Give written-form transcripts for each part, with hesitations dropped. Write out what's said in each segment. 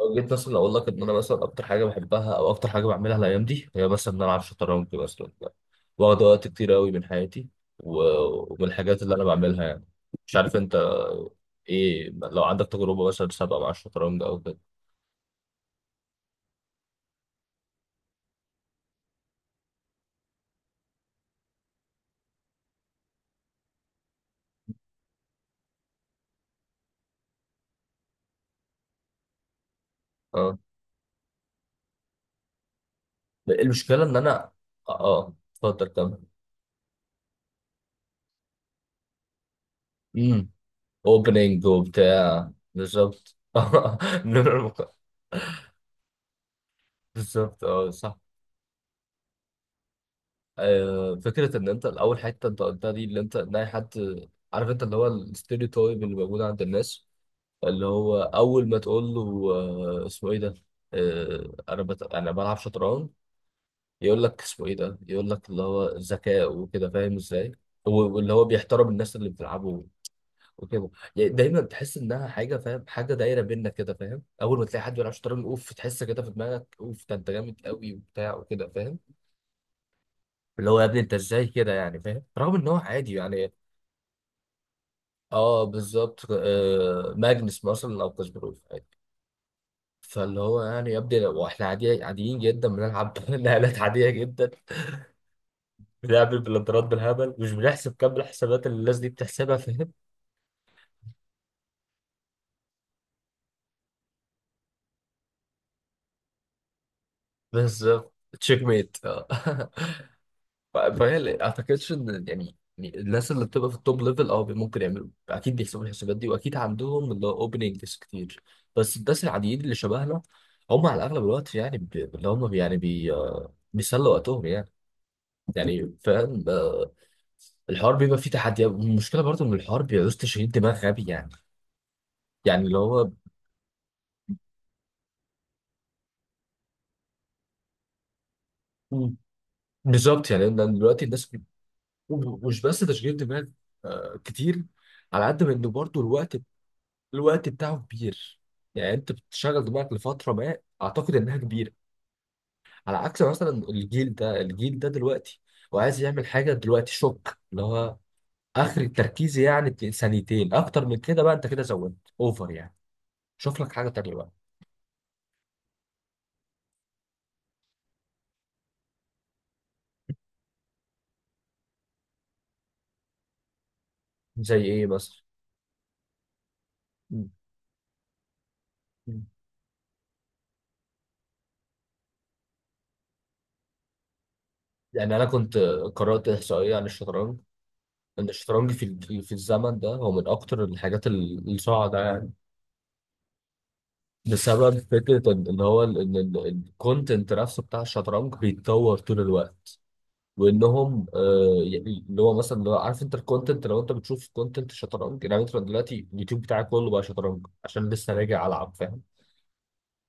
لو جيت مثلا اقول لك ان انا مثلا اكتر حاجه بحبها او اكتر حاجه بعملها الايام دي هي مثلا ان انا العب شطرنج مثلا، واخد وقت كتير قوي من حياتي. ومن الحاجات اللي انا بعملها يعني. مش عارف انت، ايه لو عندك تجربه مثلا سابقه مع الشطرنج او كده؟ اه، المشكله ان انا اه. آه، اتفضل كمل. امم اوبننج وبتاع بالظبط نمرة مك- بالظبط اه صح. فكره ان انت الاول، حته انت قلتها دي، اللي انت ناي حد. عارف انت، اللي هو الستيريوتايب اللي موجود عند الناس، اللي هو اول ما تقول له اسمه ايه ده، انا بلعب شطرنج، يقول لك اسمه ايه ده، يقول لك اللي هو ذكاء وكده، فاهم ازاي. واللي هو بيحترم الناس اللي بتلعبه وكده. يعني دايما تحس انها حاجه، فاهم، حاجه دايره بينا كده فاهم. اول ما تلاقي حد بيلعب شطرنج، اوف، تحس كده في دماغك اوف، ده انت جامد قوي وبتاع وكده فاهم. اللي هو يا ابني انت ازاي كده يعني فاهم، رغم ان هو عادي يعني. اه بالظبط آه، ماجنس مثلا او كاسبروف عادي. فاللي هو يعني يا ابني لو احنا عادي، عاديين جدا بنلعب نقلات عاديه جدا، بنلعب البلانترات بالهبل، مش بنحسب كم الحسابات اللي الناس دي بتحسبها، فاهم. بالظبط، تشيك ميت اه فهي اعتقدش ان يعني الناس اللي بتبقى في التوب ليفل، اه ممكن يعملوا، اكيد بيحسبوا الحسابات دي واكيد عندهم اللي هو اوبننجز كتير. بس الناس العاديين اللي شبهنا هم على اغلب الوقت يعني اللي هم يعني بي بيسلوا وقتهم يعني. يعني فاهم آه، الحوار بيبقى فيه تحديات. المشكله برضو ان الحوار بيعوز تشغيل دماغ غبي يعني، يعني اللي هو. مم. بالظبط يعني، لأن دلوقتي الناس مش بس تشغيل دماغ آه، كتير، على قد ما انه برضو الوقت، الوقت بتاعه كبير. يعني انت بتشغل دماغك لفتره ما، اعتقد انها كبيره، على عكس مثلا الجيل ده، الجيل ده دلوقتي وعايز يعمل حاجه دلوقتي، شوك، اللي هو اخر التركيز يعني ثانيتين، اكتر من كده بقى انت كده زودت اوفر يعني. شوف لك حاجه تانيه بقى. زي ايه مثلا؟ م- م. يعني انا كنت قرات احصائيه عن الشطرنج، ان الشطرنج في في الزمن ده هو من اكتر الحاجات الصاعده يعني. بسبب فكرة إن هو الكونتنت نفسه بتاع الشطرنج بيتطور طول الوقت. وإنهم آه يعني اللي هو مثلا اللي هو، عارف أنت الكونتنت، لو أنت بتشوف كونتنت شطرنج، يعني أنت دلوقتي اليوتيوب بتاعي كله بقى شطرنج عشان لسه راجع ألعب، فاهم.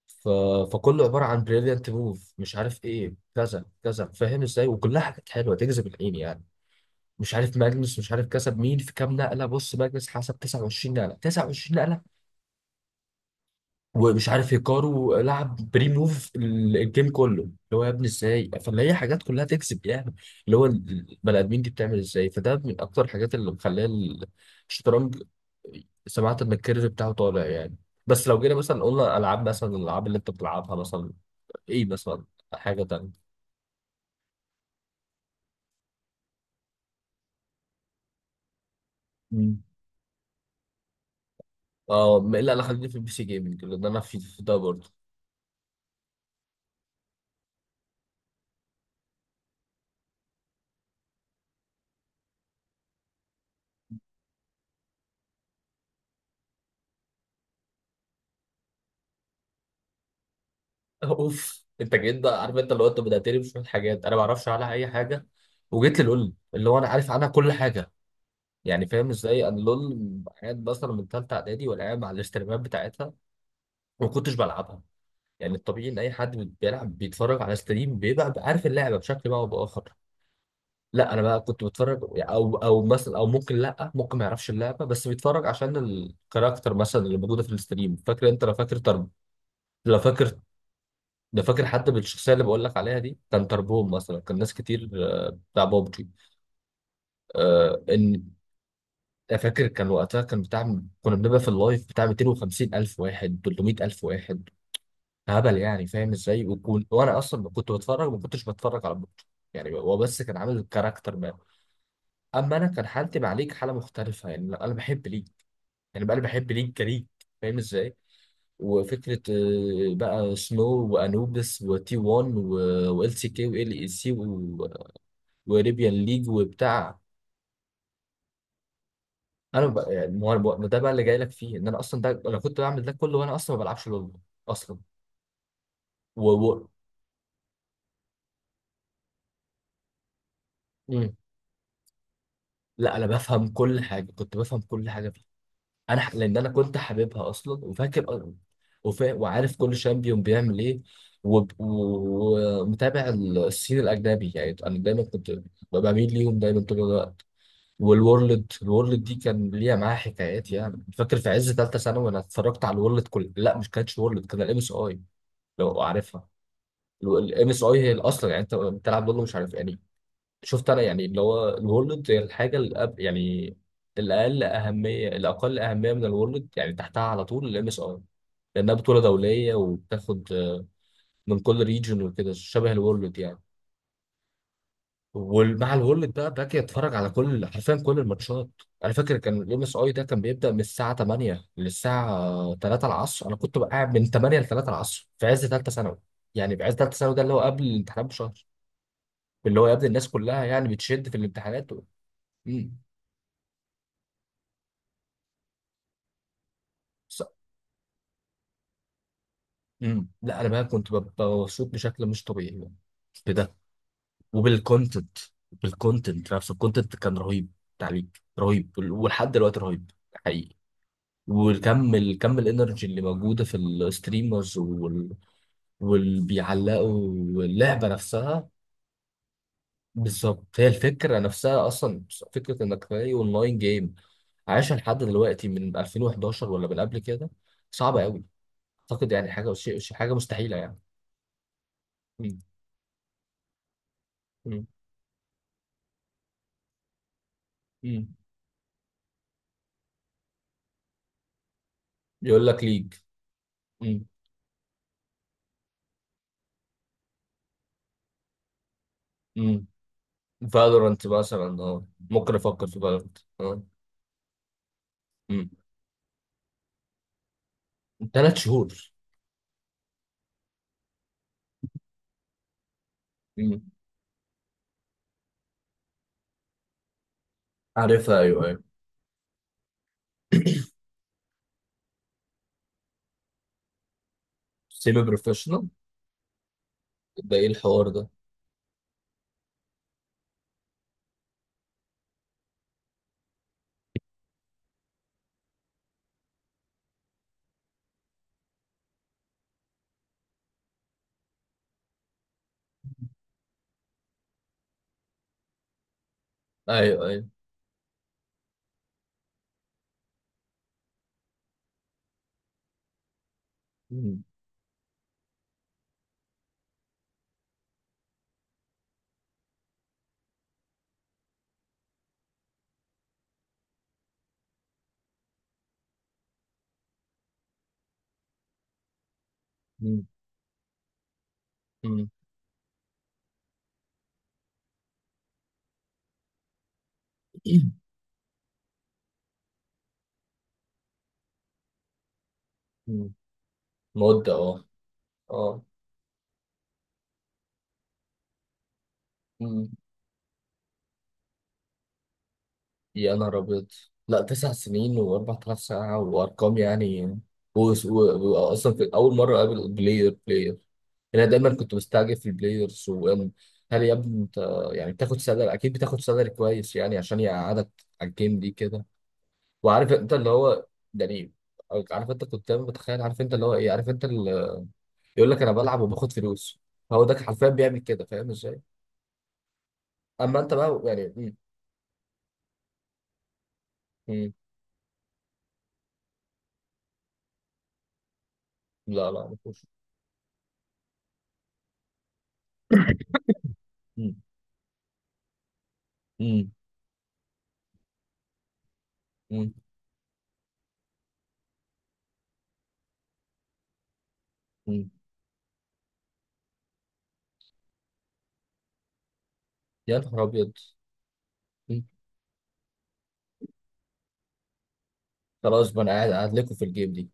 ف... فكله عبارة عن بريليانت موف مش عارف إيه كذا كذا، فاهم إزاي، وكلها حاجات حلوة تجذب العين يعني. مش عارف ماجنس، مش عارف كسب مين في كام نقلة، بص ماجنس حسب 29 نقلة، 29. ومش عارف هيكارو لعب بري موف الجيم كله، اللي هو يا ابني ازاي، فاللي هي حاجات كلها تكسب يعني، اللي هو البني ادمين دي بتعمل ازاي. فده من اكتر الحاجات اللي مخليه الشطرنج، سمعت ان الكيرف بتاعه طالع يعني. بس لو جينا مثلا قلنا العاب، مثلا الالعاب اللي انت بتلعبها مثلا، ايه مثلا؟ حاجه تانية. مم. اه، ما الا انا خليني في البي سي جيمنج لان انا في ده برضه. اوف، انت جيت، ده عارف انت، لو انت بدأتني بشويه حاجات انا ما اعرفش عنها اي حاجه، وجيت لي اللي هو انا عارف عنها كل حاجه. يعني فاهم ازاي انا، لول. قاعد مثلا من ثالثه اعدادي، ولا قاعد مع الاستريمات بتاعتها وما كنتش بلعبها. يعني الطبيعي ان اي حد بيلعب بيتفرج على ستريم بيبقى عارف اللعبه بشكل ما او باخر. لا انا بقى كنت بتفرج، او مثلا، او ممكن لا، ممكن ما يعرفش اللعبه بس بيتفرج عشان الكاركتر مثلا اللي موجوده في الستريم. فاكر انت، لو فاكر ترب، لو فاكر لو فاكر حتى بالشخصيه اللي بقول لك عليها دي، كان تربوم مثلا، كان ناس كتير آه، بتاع بابجي. آه، ان أنا فاكر، كان وقتها كان بتاع، كنا بنبقى في اللايف بتاع 250 ألف واحد، 300 ألف واحد، هبل يعني فاهم ازاي. وكون، وأنا أصلا كنت بتفرج، ما كنتش بتفرج على بطل، يعني هو بس كان عامل الكاركتر بقى. أما أنا كان حالتي مع ليك حالة مختلفة، يعني لا، أنا بحب ليك، يعني بقى أنا بحب ليك كليك، فاهم ازاي. وفكرة بقى سنو وأنوبس وتي 1 وال سي كي وال اي سي وريبيان ليج وبتاع. انا بقى يعني، ما هو ده بقى اللي جاي لك فيه، ان انا اصلا ده، انا كنت بعمل ده كله وانا اصلا ما بلعبش لول اصلا. و... و... مم. لا انا بفهم كل حاجه، كنت بفهم كل حاجه فيه. لان انا كنت حاببها اصلا، وفاكر وعارف كل شامبيون بيعمل ايه. ومتابع السين الاجنبي، يعني انا دايما كنت ببقى بميل ليهم دايما طول الوقت. الورلد دي كان ليها معاها حكايات، يعني فاكر في عز ثالثه ثانوي انا اتفرجت على الورلد كل، لا مش كانتش وورلد، كان الام اس اي، لو عارفها. الام اس اي هي الاصلا، يعني انت بتلعب ضده، مش عارف يعني. شفت انا، يعني اللي هو الورلد هي الحاجه الأب يعني، الاقل اهميه، الاقل اهميه من الورلد يعني تحتها على طول الام اس اي، لانها بطوله دوليه وبتاخد من كل ريجن وكده، شبه الورلد يعني. ومع الورلد بقى باجي اتفرج على كل، حرفيا كل الماتشات. انا فاكر كان الام اس اي ده كان بيبدا من الساعه 8 للساعه 3 العصر، انا كنت بقى قاعد من 8 ل 3 العصر في عز ثالثه ثانوي. يعني في عز ثالثه ثانوي ده اللي هو قبل الامتحانات بشهر، اللي هو يا ابني الناس كلها يعني بتشد في الامتحانات مم. ص- مم. لا انا بقى كنت ببقى مبسوط بشكل مش طبيعي بقى. بده. وبالكونتنت بالكونتنت نفسه، الكونتنت كان رهيب، تعليق رهيب، ولحد دلوقتي رهيب حقيقي. والكم الانرجي اللي موجوده في الستريمرز واللي بيعلقوا، اللعبه نفسها. بالظبط هي الفكره نفسها اصلا، فكره انك تلاقي اونلاين جيم عايشه لحد دلوقتي من 2011 ولا من قبل كده، صعبه قوي، اعتقد يعني حاجه حاجه مستحيله يعني. مم. مم. مم. يقول لك ليج. مم. مم. فالورانت مثلا، اه ممكن افكر في فالورانت، اه. مم. 3 شهور. مم. عارفها، ايوه ايوه. سيمي بروفيشنال، ده ايه الحوار ده؟ ايوه ايوه. مم. مم. مم. مم. مده، اه. اه، يا نهار أبيض. لا، 9 سنين و4000 ساعة وأرقام يعني. وأصلا في أول مرة أقابل بلاير، أنا دايما كنت مستعجب في البلايرز، وهل يا ابني أنت يعني بتاخد سالري، أكيد بتاخد سالري كويس يعني عشان يقعدك على الجيم دي كده. وعارف أنت اللي هو، يعني عارف أنت كنت دايما بتخيل، عارف أنت اللي هو إيه، عارف أنت اللي يقول لك أنا بلعب وباخد فلوس، هو ده حرفيا بيعمل كده، فاهم إزاي؟ أما أنت بقى يعني، مم، مم، لا لا ما فيهوش. مم، مم، مم، مم. يا نهار ابيض. مم. خلاص بقى انا قاعد قاعد لكم في الجيم دي.